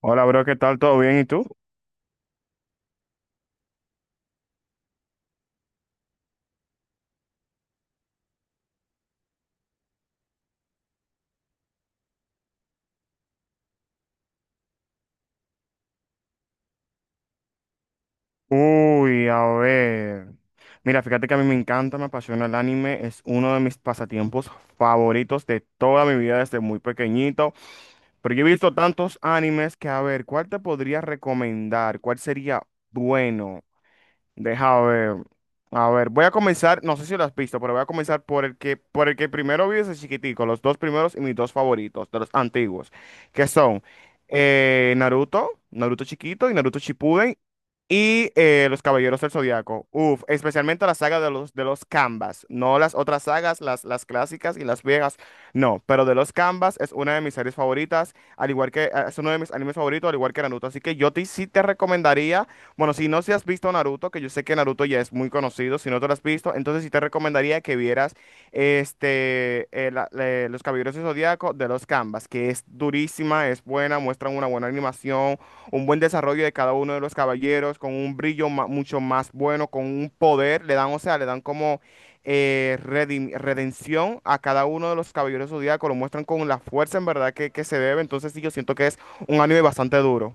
Hola, bro, ¿qué tal? ¿Todo bien? ¿Y tú? Uy, a ver. Mira, fíjate que a mí me encanta, me apasiona el anime, es uno de mis pasatiempos favoritos de toda mi vida desde muy pequeñito. Pero yo he visto tantos animes que, a ver, ¿cuál te podría recomendar? ¿Cuál sería bueno? Deja ver. A ver, voy a comenzar, no sé si lo has visto, pero voy a comenzar por el que primero vi desde chiquitico, los dos primeros y mis dos favoritos, de los antiguos, que son Naruto, Naruto chiquito y Naruto Shippuden. Y Los Caballeros del Zodiaco. Uf, especialmente la saga de los Canvas. No las otras sagas, las clásicas y las viejas. No, pero de los Canvas es una de mis series favoritas. Al igual que es uno de mis animes favoritos, al igual que Naruto. Así que yo te, sí te recomendaría. Bueno, si no si has visto Naruto, que yo sé que Naruto ya es muy conocido. Si no te lo has visto, entonces sí te recomendaría que vieras este, Los Caballeros del Zodiaco de los Canvas, que es durísima, es buena, muestran una buena animación, un buen desarrollo de cada uno de los caballeros, con un brillo mucho más bueno, con un poder, le dan, o sea, le dan como redención a cada uno de los caballeros zodíacos, lo muestran con la fuerza en verdad que se debe, entonces sí, yo siento que es un anime bastante duro.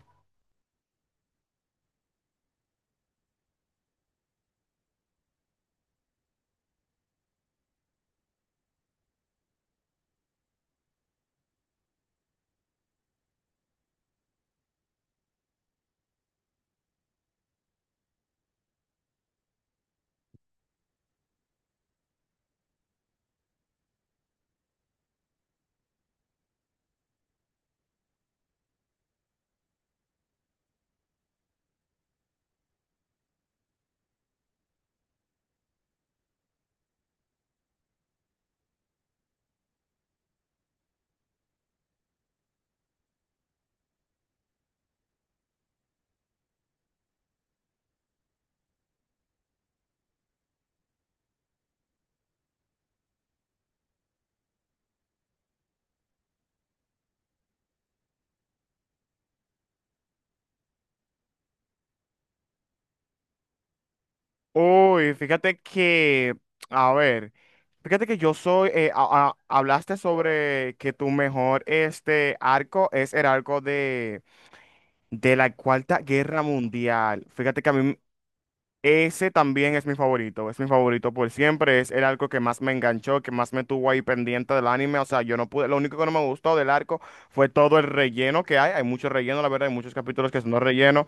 Uy, fíjate que, a ver, fíjate que yo soy, hablaste sobre que tu mejor este arco es el arco de la Cuarta Guerra Mundial. Fíjate que a mí, ese también es mi favorito por siempre, es el arco que más me enganchó, que más me tuvo ahí pendiente del anime, o sea, yo no pude, lo único que no me gustó del arco fue todo el relleno que hay mucho relleno, la verdad, hay muchos capítulos que son no relleno,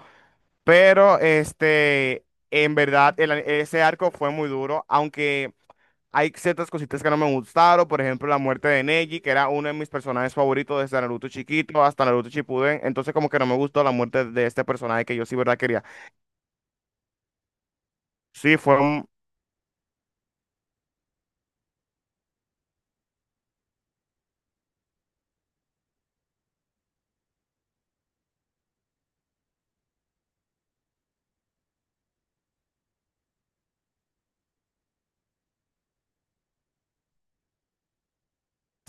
pero este, en verdad, el ese arco fue muy duro, aunque hay ciertas cositas que no me gustaron, por ejemplo, la muerte de Neji, que era uno de mis personajes favoritos desde Naruto chiquito hasta Naruto Shippuden, entonces como que no me gustó la muerte de este personaje que yo sí, verdad, quería. Sí, fue un-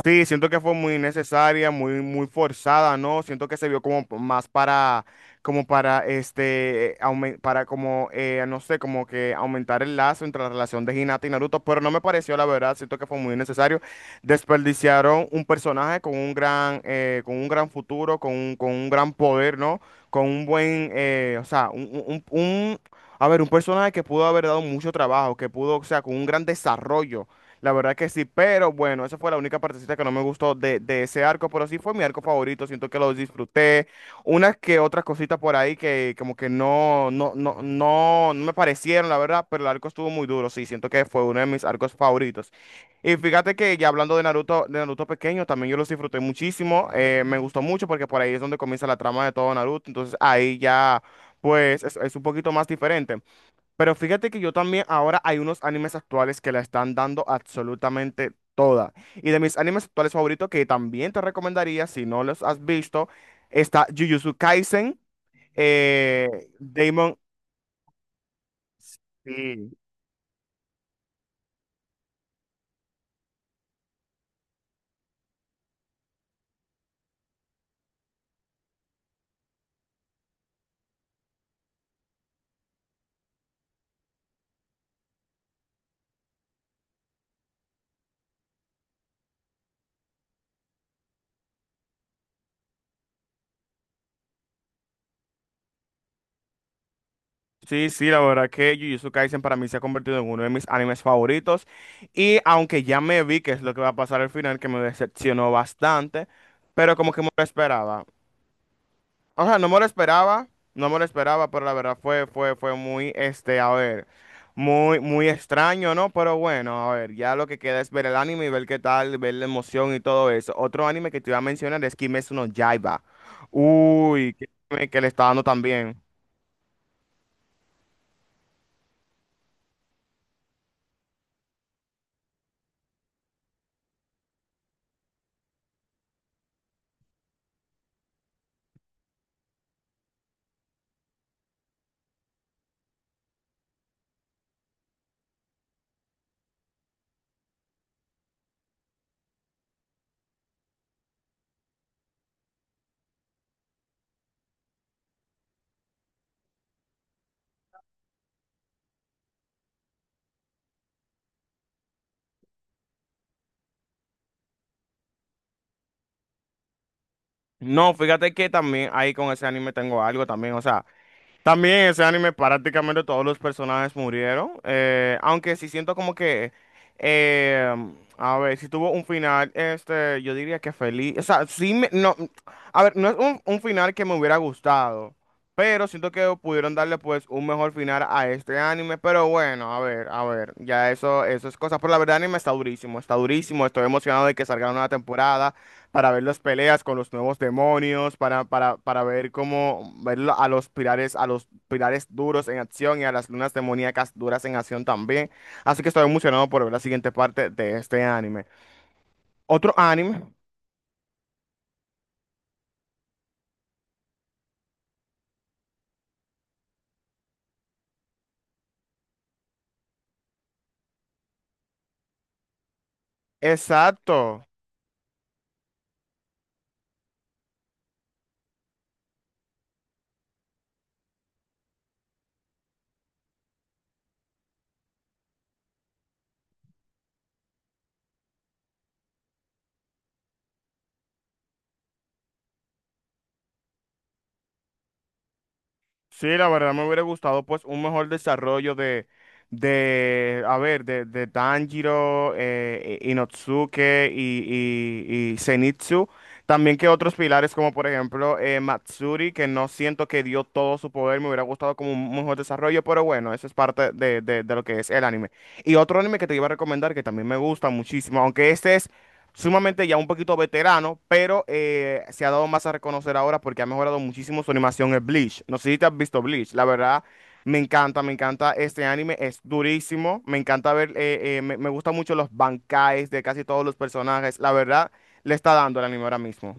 Sí, siento que fue muy necesaria, muy, muy forzada, ¿no? Siento que se vio como más para, como para, este, para como, no sé, como que aumentar el lazo entre la relación de Hinata y Naruto, pero no me pareció, la verdad, siento que fue muy necesario. Desperdiciaron un personaje con un gran futuro, con un gran poder, ¿no? Con un buen, o sea, un- a ver, un personaje que pudo haber dado mucho trabajo, que pudo, o sea, con un gran desarrollo. La verdad que sí, pero bueno, esa fue la única partecita que no me gustó de ese arco, pero sí fue mi arco favorito, siento que lo disfruté. Unas que otras cositas por ahí que como que no me parecieron, la verdad, pero el arco estuvo muy duro, sí, siento que fue uno de mis arcos favoritos. Y fíjate que ya hablando de Naruto pequeño, también yo los disfruté muchísimo, me gustó mucho porque por ahí es donde comienza la trama de todo Naruto, entonces ahí ya, pues es un poquito más diferente. Pero fíjate que yo también, ahora hay unos animes actuales que la están dando absolutamente toda. Y de mis animes actuales favoritos, que también te recomendaría, si no los has visto, está Jujutsu Kaisen, eh, Demon... Sí, sí, sí, la verdad que Jujutsu Kaisen para mí se ha convertido en uno de mis animes favoritos. Y aunque ya me vi que es lo que va a pasar al final, que me decepcionó bastante, pero como que me lo esperaba. O sea, no me lo esperaba, no me lo esperaba, pero la verdad fue muy, este, a ver, muy, muy extraño, ¿no? Pero bueno, a ver, ya lo que queda es ver el anime y ver qué tal, ver la emoción y todo eso. Otro anime que te iba a mencionar es Kimetsu no Yaiba. Uy, que le está dando también. No, fíjate que también ahí con ese anime tengo algo también, o sea. También en ese anime prácticamente todos los personajes murieron, aunque sí siento como que, eh, a ver, si tuvo un final, este, yo diría que feliz, o sea, sí, me- no, a ver, no es un final que me hubiera gustado, pero siento que pudieron darle pues un mejor final a este anime, pero bueno, a ver, ya eso es cosa, pero la verdad el anime está durísimo, estoy emocionado de que salga una nueva temporada para ver las peleas con los nuevos demonios, para ver cómo ver a los pilares duros en acción y a las lunas demoníacas duras en acción también. Así que estoy emocionado por ver la siguiente parte de este anime. Otro anime, exacto. Sí, la verdad me hubiera gustado pues un mejor desarrollo de a ver, de Tanjiro, Inosuke y Zenitsu. También que otros pilares como por ejemplo Matsuri, que no siento que dio todo su poder, me hubiera gustado como un mejor desarrollo, pero bueno, eso es parte de lo que es el anime. Y otro anime que te iba a recomendar que también me gusta muchísimo, aunque este es sumamente ya un poquito veterano, pero se ha dado más a reconocer ahora porque ha mejorado muchísimo su animación en Bleach. No sé si te has visto Bleach, la verdad me encanta este anime, es durísimo, me encanta ver, me gustan mucho los bancais de casi todos los personajes, la verdad le está dando el anime ahora mismo.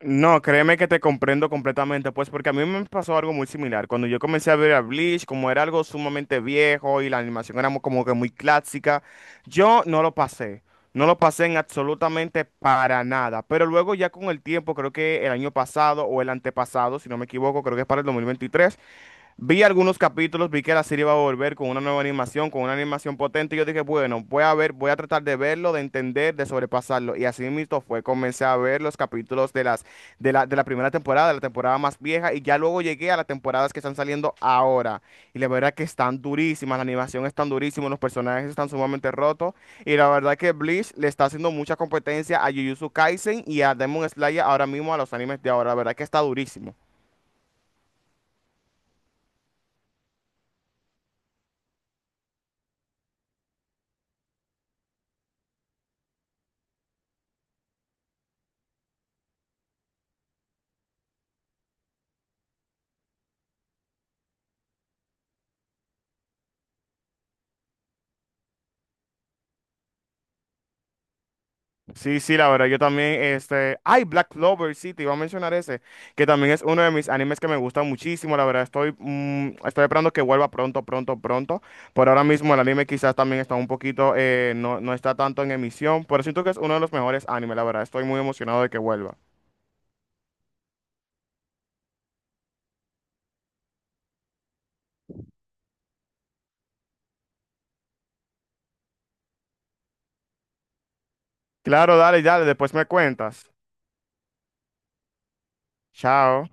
No, créeme que te comprendo completamente, pues porque a mí me pasó algo muy similar. Cuando yo comencé a ver a Bleach, como era algo sumamente viejo y la animación era como que muy clásica, yo no lo pasé. No lo pasé en absolutamente para nada. Pero luego ya con el tiempo, creo que el año pasado o el antepasado, si no me equivoco, creo que es para el 2023. Vi algunos capítulos, vi que la serie iba a volver con una nueva animación, con una animación potente, y yo dije, bueno, voy a ver, voy a tratar de verlo, de entender, de sobrepasarlo. Y así mismo fue, comencé a ver los capítulos de de la primera temporada, de la temporada más vieja, y ya luego llegué a las temporadas que están saliendo ahora. Y la verdad que están durísimas, la animación es tan durísima, los personajes están sumamente rotos, y la verdad que Bleach le está haciendo mucha competencia a Jujutsu Kaisen y a Demon Slayer ahora mismo a los animes de ahora, la verdad que está durísimo. Sí, sí, la verdad, yo también, este, ay, Black Clover, sí, te iba a mencionar ese, que también es uno de mis animes que me gusta muchísimo, la verdad, estoy, estoy esperando que vuelva pronto, pronto, pronto, por ahora mismo el anime quizás también está un poquito, no, no está tanto en emisión, pero siento que es uno de los mejores animes, la verdad, estoy muy emocionado de que vuelva. Claro, dale, dale, después me cuentas. Chao.